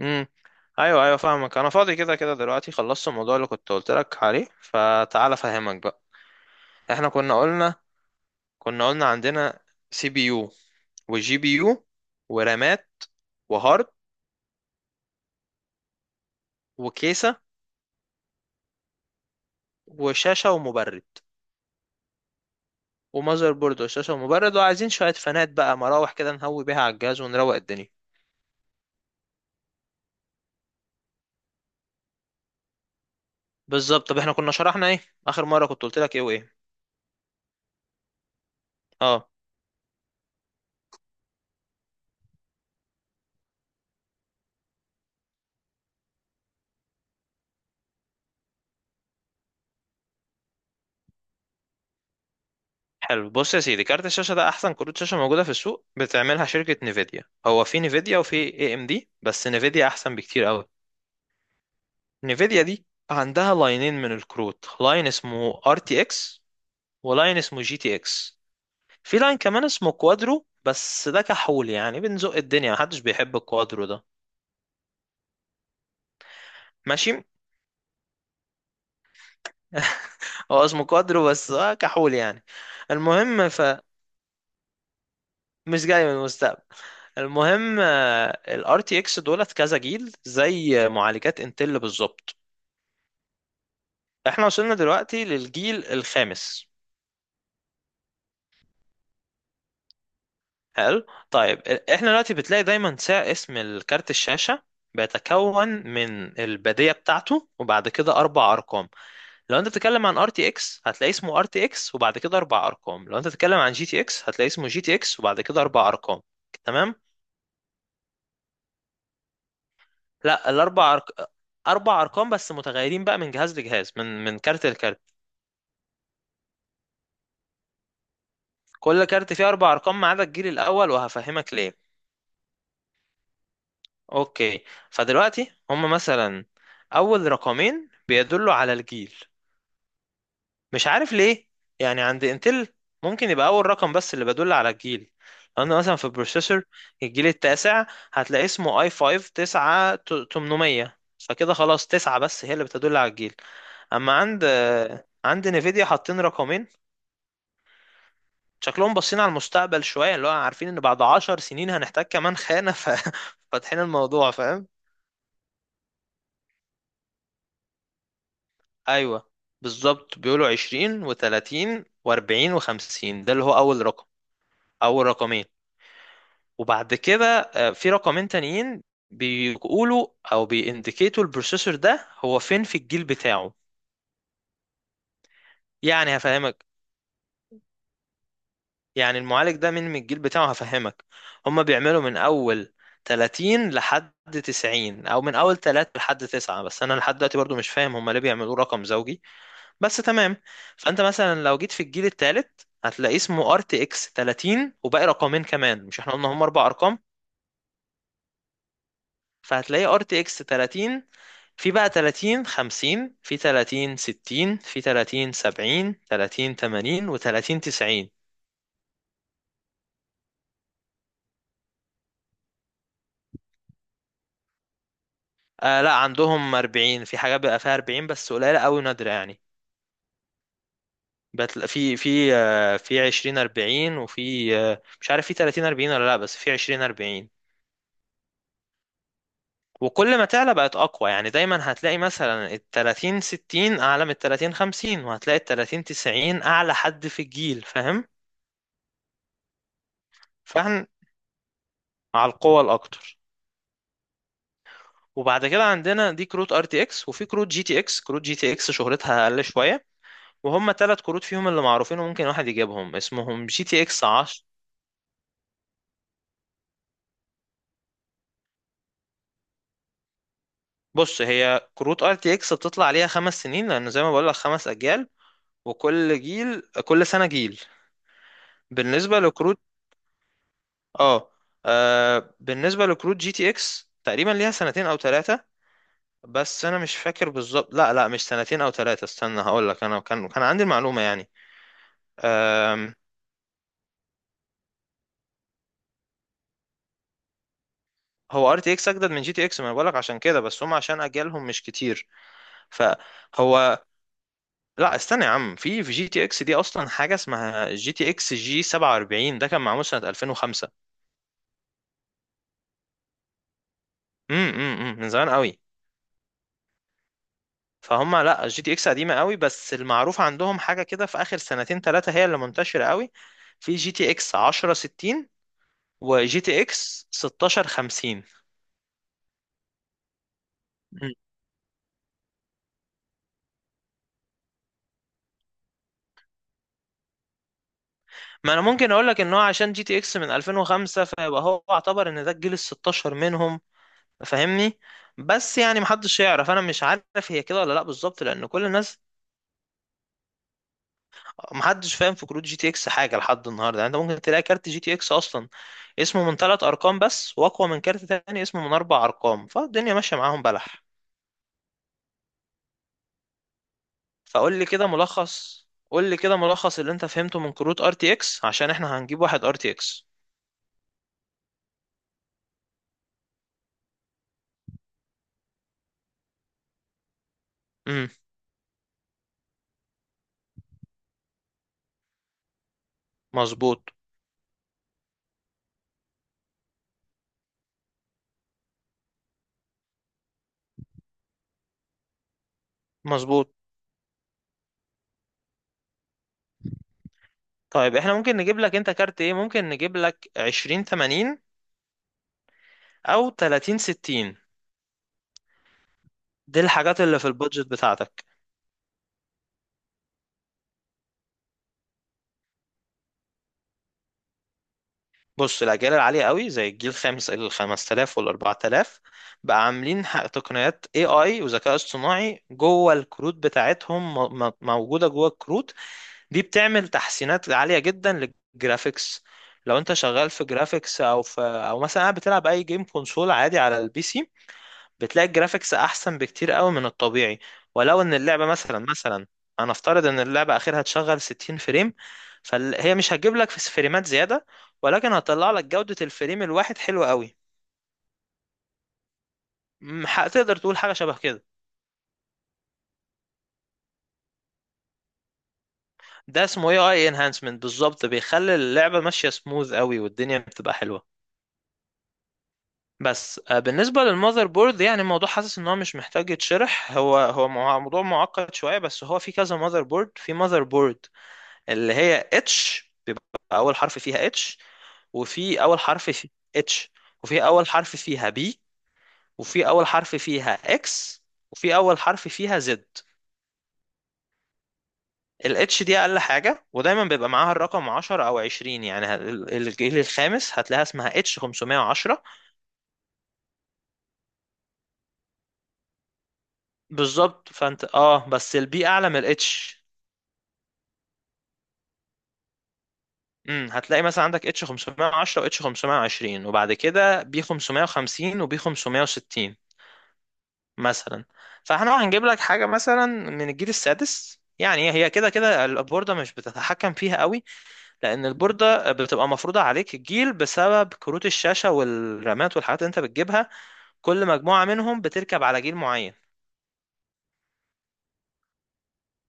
امم ايوه ايوه فاهمك. انا فاضي كده كده دلوقتي، خلصت الموضوع اللي كنت قلت لك عليه، فتعال افهمك بقى. احنا كنا قلنا عندنا سي بي يو وجي بي يو ورامات وهارد وكيسة وشاشة ومبرد ومذر بورد وشاشة ومبرد، وعايزين شوية فانات بقى، مراوح كده نهوي بيها على الجهاز ونروق الدنيا. بالظبط، طب احنا كنا شرحنا ايه؟ اخر مرة كنت قلت لك ايه وايه؟ اه، حلو. بص يا سيدي، كارت الشاشه ده احسن كروت شاشه موجوده في السوق بتعملها شركه نيفيديا. هو في نيفيديا وفي اي ام دي، بس نيفيديا احسن بكتير قوي. نيفيديا دي عندها لاينين من الكروت، لاين اسمه ار تي اكس، ولاين اسمه جي تي اكس. في لاين كمان اسمه كوادرو، بس ده كحول يعني، بنزق الدنيا، محدش بيحب الكوادرو ده. ماشي هو اسمه كوادرو بس كحول يعني. المهم مش جاي من المستقبل. المهم، الار تي اكس دولت كذا جيل زي معالجات انتل بالظبط. احنا وصلنا دلوقتي للجيل الخامس. حلو، طيب احنا دلوقتي بتلاقي دايما اسم الكارت الشاشة بيتكون من البادية بتاعته وبعد كده اربع ارقام. لو انت بتتكلم عن ار تي اكس هتلاقي اسمه ار تي اكس وبعد كده اربع ارقام، لو انت بتتكلم عن جي تي اكس هتلاقي اسمه جي تي اكس وبعد كده اربع ارقام. تمام. لا اربع ارقام بس متغيرين بقى من جهاز لجهاز، من كارت لكارت. كل كارت فيه اربع ارقام ما عدا الجيل الاول، وهفهمك ليه. اوكي. فدلوقتي هم مثلا اول رقمين بيدلوا على الجيل، مش عارف ليه. يعني عند انتل ممكن يبقى اول رقم بس اللي بيدل على الجيل، لان مثلا في البروسيسور الجيل التاسع هتلاقي اسمه اي 5 9 800، فكده خلاص تسعة بس هي اللي بتدل على الجيل. اما عند نيفيديا حاطين رقمين، شكلهم باصين على المستقبل شوية، اللي هو عارفين ان بعد 10 سنين هنحتاج كمان خانة، ففاتحين الموضوع. فاهم؟ ايوه، بالظبط، بيقولوا عشرين وتلاتين واربعين وخمسين، ده اللي هو اول رقم، اول رقمين. وبعد كده في رقمين تانيين بيقولوا او بيindicatوا البروسيسور ده هو فين في الجيل بتاعه. يعني هفهمك، يعني المعالج ده من الجيل بتاعه، هفهمك. هما بيعملوا من اول 30 لحد 90، او من اول 3 لحد 9، بس انا لحد دلوقتي برضو مش فاهم هما ليه بيعملوه رقم زوجي، بس تمام. فانت مثلا لو جيت في الجيل الثالث هتلاقي اسمه ار تي اكس 30 وباقي رقمين كمان، مش احنا قلنا هما اربع ارقام؟ فهتلاقي ار تي اكس 30، في بقى 30 50، في 30 60، في 30 70، 30 80، و30 90. آه لا، عندهم 40 في حاجات، بيبقى فيها 40 بس قليلة قوي، نادرة يعني. بتلاقي في 20 40، وفي مش عارف في 30 40 ولا لا، بس في 20 40. وكل ما تعلى بقت اقوى، يعني دايما هتلاقي مثلا ال 30 60 اعلى من ال 30 50، وهتلاقي ال 30 90 اعلى حد في الجيل. فاهم؟ فاحنا على القوة الاكتر. وبعد كده عندنا دي كروت ار تي اكس، وفي كروت جي تي اكس. كروت جي تي اكس شهرتها اقل شوية، وهم ثلاث كروت فيهم اللي معروفين وممكن واحد يجيبهم اسمهم جي تي اكس. بص، هي كروت ار تي اكس بتطلع عليها خمس سنين، لانه زي ما بقول لك خمس اجيال، وكل جيل، كل سنه جيل. بالنسبه لكروت، اه، بالنسبه لكروت جي تي اكس تقريبا ليها سنتين او ثلاثه، بس انا مش فاكر بالظبط. لا لا، مش سنتين او ثلاثه، استنى هقول لك، انا كان عندي المعلومه يعني. آم، هو ار تي اكس اجدد من جي تي اكس، ما انا بقول لك عشان كده، بس هم عشان اجيالهم مش كتير فهو. لا استنى يا عم، في جي تي اكس دي اصلا حاجه اسمها جي تي اكس جي 47 ده كان معمول سنه 2005. من زمان قوي. فهم لا، الجي تي اكس قديمه قوي، بس المعروف عندهم حاجه كده في اخر سنتين ثلاثه هي اللي منتشره قوي. في جي تي اكس 1060، وجي تي اكس 1650. مم. ما انا ممكن اقول لك ان هو عشان جي تي اكس من 2005، فيبقى هو اعتبر ان ده الجيل ال 16 منهم. فاهمني؟ بس يعني محدش يعرف، انا مش عارف هي كده ولا لا بالظبط، لان كل الناس، محدش فاهم في كروت جي تي اكس حاجه لحد النهارده. يعني انت ممكن تلاقي كارت جي تي اكس اصلا اسمه من ثلاث ارقام بس واقوى من كارت تاني اسمه من اربع ارقام، فالدنيا ماشيه معاهم بلح. فقول لي كده ملخص، اللي انت فهمته من كروت ار تي اكس عشان احنا هنجيب واحد ار تي اكس. امم مظبوط مظبوط، طيب احنا ممكن نجيب لك انت كارت ايه؟ ممكن نجيب لك 20 80 او 30 60، دي الحاجات اللي في البادجت بتاعتك. بص، الأجيال العالية قوي زي الجيل الخامس ال 5000 وال 4000 بقى عاملين تقنيات AI وذكاء اصطناعي جوه الكروت بتاعتهم، موجودة جوه الكروت. دي بتعمل تحسينات عالية جدا للجرافيكس. لو انت شغال في جرافيكس او مثلا قاعد بتلعب اي جيم، كونسول عادي على البي سي، بتلاقي الجرافيكس احسن بكتير قوي من الطبيعي. ولو ان اللعبه مثلا انا افترض ان اللعبه اخرها تشغل 60 فريم، فهي مش هتجيب لك في فريمات زياده، ولكن هتطلع لك جوده الفريم الواحد حلوه قوي. تقدر تقول حاجه شبه كده. ده اسمه اي اي انهانسمنت بالظبط، بيخلي اللعبه ماشيه سموث قوي والدنيا بتبقى حلوه. بس بالنسبه للمذر بورد يعني الموضوع حاسس ان هو مش محتاج يتشرح. هو موضوع معقد شويه، بس هو في كذا مذر بورد. في مذر بورد اللي هي اتش، بيبقى اول حرف فيها اتش، وفي اول حرف في اتش وفي اول حرف فيها بي، وفي اول حرف فيها اكس، وفي اول حرف فيها زد. الاتش دي اقل حاجه، ودايما بيبقى معاها الرقم 10 او 20. يعني الجيل الخامس هتلاقيها اسمها اتش 510. بالظبط، فانت اه بس البي اعلى من الاتش. هتلاقي مثلا عندك اتش 510 واتش 520، وبعد كده بي 550 وبي 560 مثلا. فاحنا هنجيب لك حاجه مثلا من الجيل السادس، يعني هي كده كده البورده مش بتتحكم فيها قوي، لان البورده بتبقى مفروضه عليك الجيل بسبب كروت الشاشه والرامات والحاجات اللي انت بتجيبها. كل مجموعه منهم بتركب على جيل معين.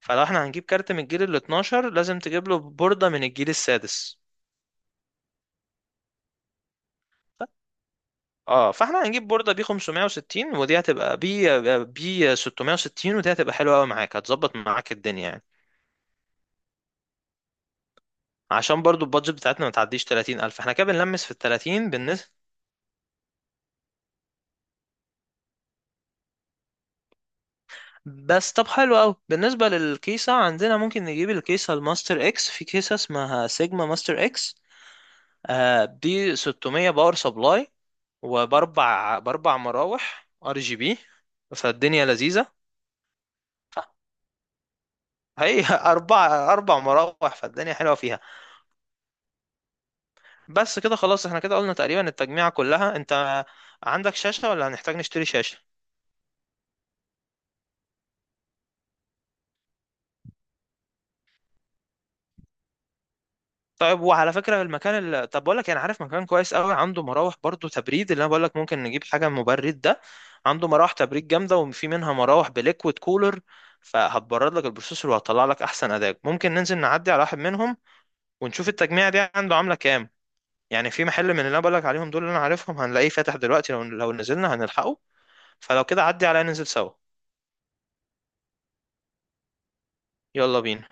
فلو احنا هنجيب كارت من الجيل ال 12 لازم تجيب له بورده من الجيل السادس. ف- اه فاحنا هنجيب بورده بي 560، ودي هتبقى بي 660، ودي هتبقى حلوه قوي معاك، هتظبط معاك الدنيا يعني. عشان برضو البادجت بتاعتنا ما تعديش 30000، احنا كده بنلمس في ال 30 بالنسبة. بس طب حلو قوي. بالنسبة للكيسة عندنا ممكن نجيب الكيسة الماستر اكس، في كيسة اسمها سيجما ماستر اكس. دي 600 باور سبلاي، وباربع مراوح ار جي بي، فالدنيا لذيذة. هي أربع مراوح فالدنيا حلوة فيها. بس كده خلاص، احنا كده قلنا تقريبا التجميعة كلها. انت عندك شاشة ولا هنحتاج نشتري شاشة؟ طيب، وعلى فكرة المكان اللي... طب بقول لك إيه، انا عارف مكان كويس قوي عنده مراوح برضو تبريد، اللي انا بقول لك ممكن نجيب حاجة مبرد ده، عنده مراوح تبريد جامدة وفي منها مراوح بليكويد كولر، فهتبرد لك البروسيسور وهتطلع لك احسن اداء. ممكن ننزل نعدي على واحد منهم ونشوف التجميع دي عنده عاملة كام. يعني في محل من اللي انا بقول لك عليهم دول اللي انا عارفهم هنلاقيه فاتح دلوقتي، لو نزلنا هنلحقه. فلو كده عدي عليا ننزل سوا. يلا بينا.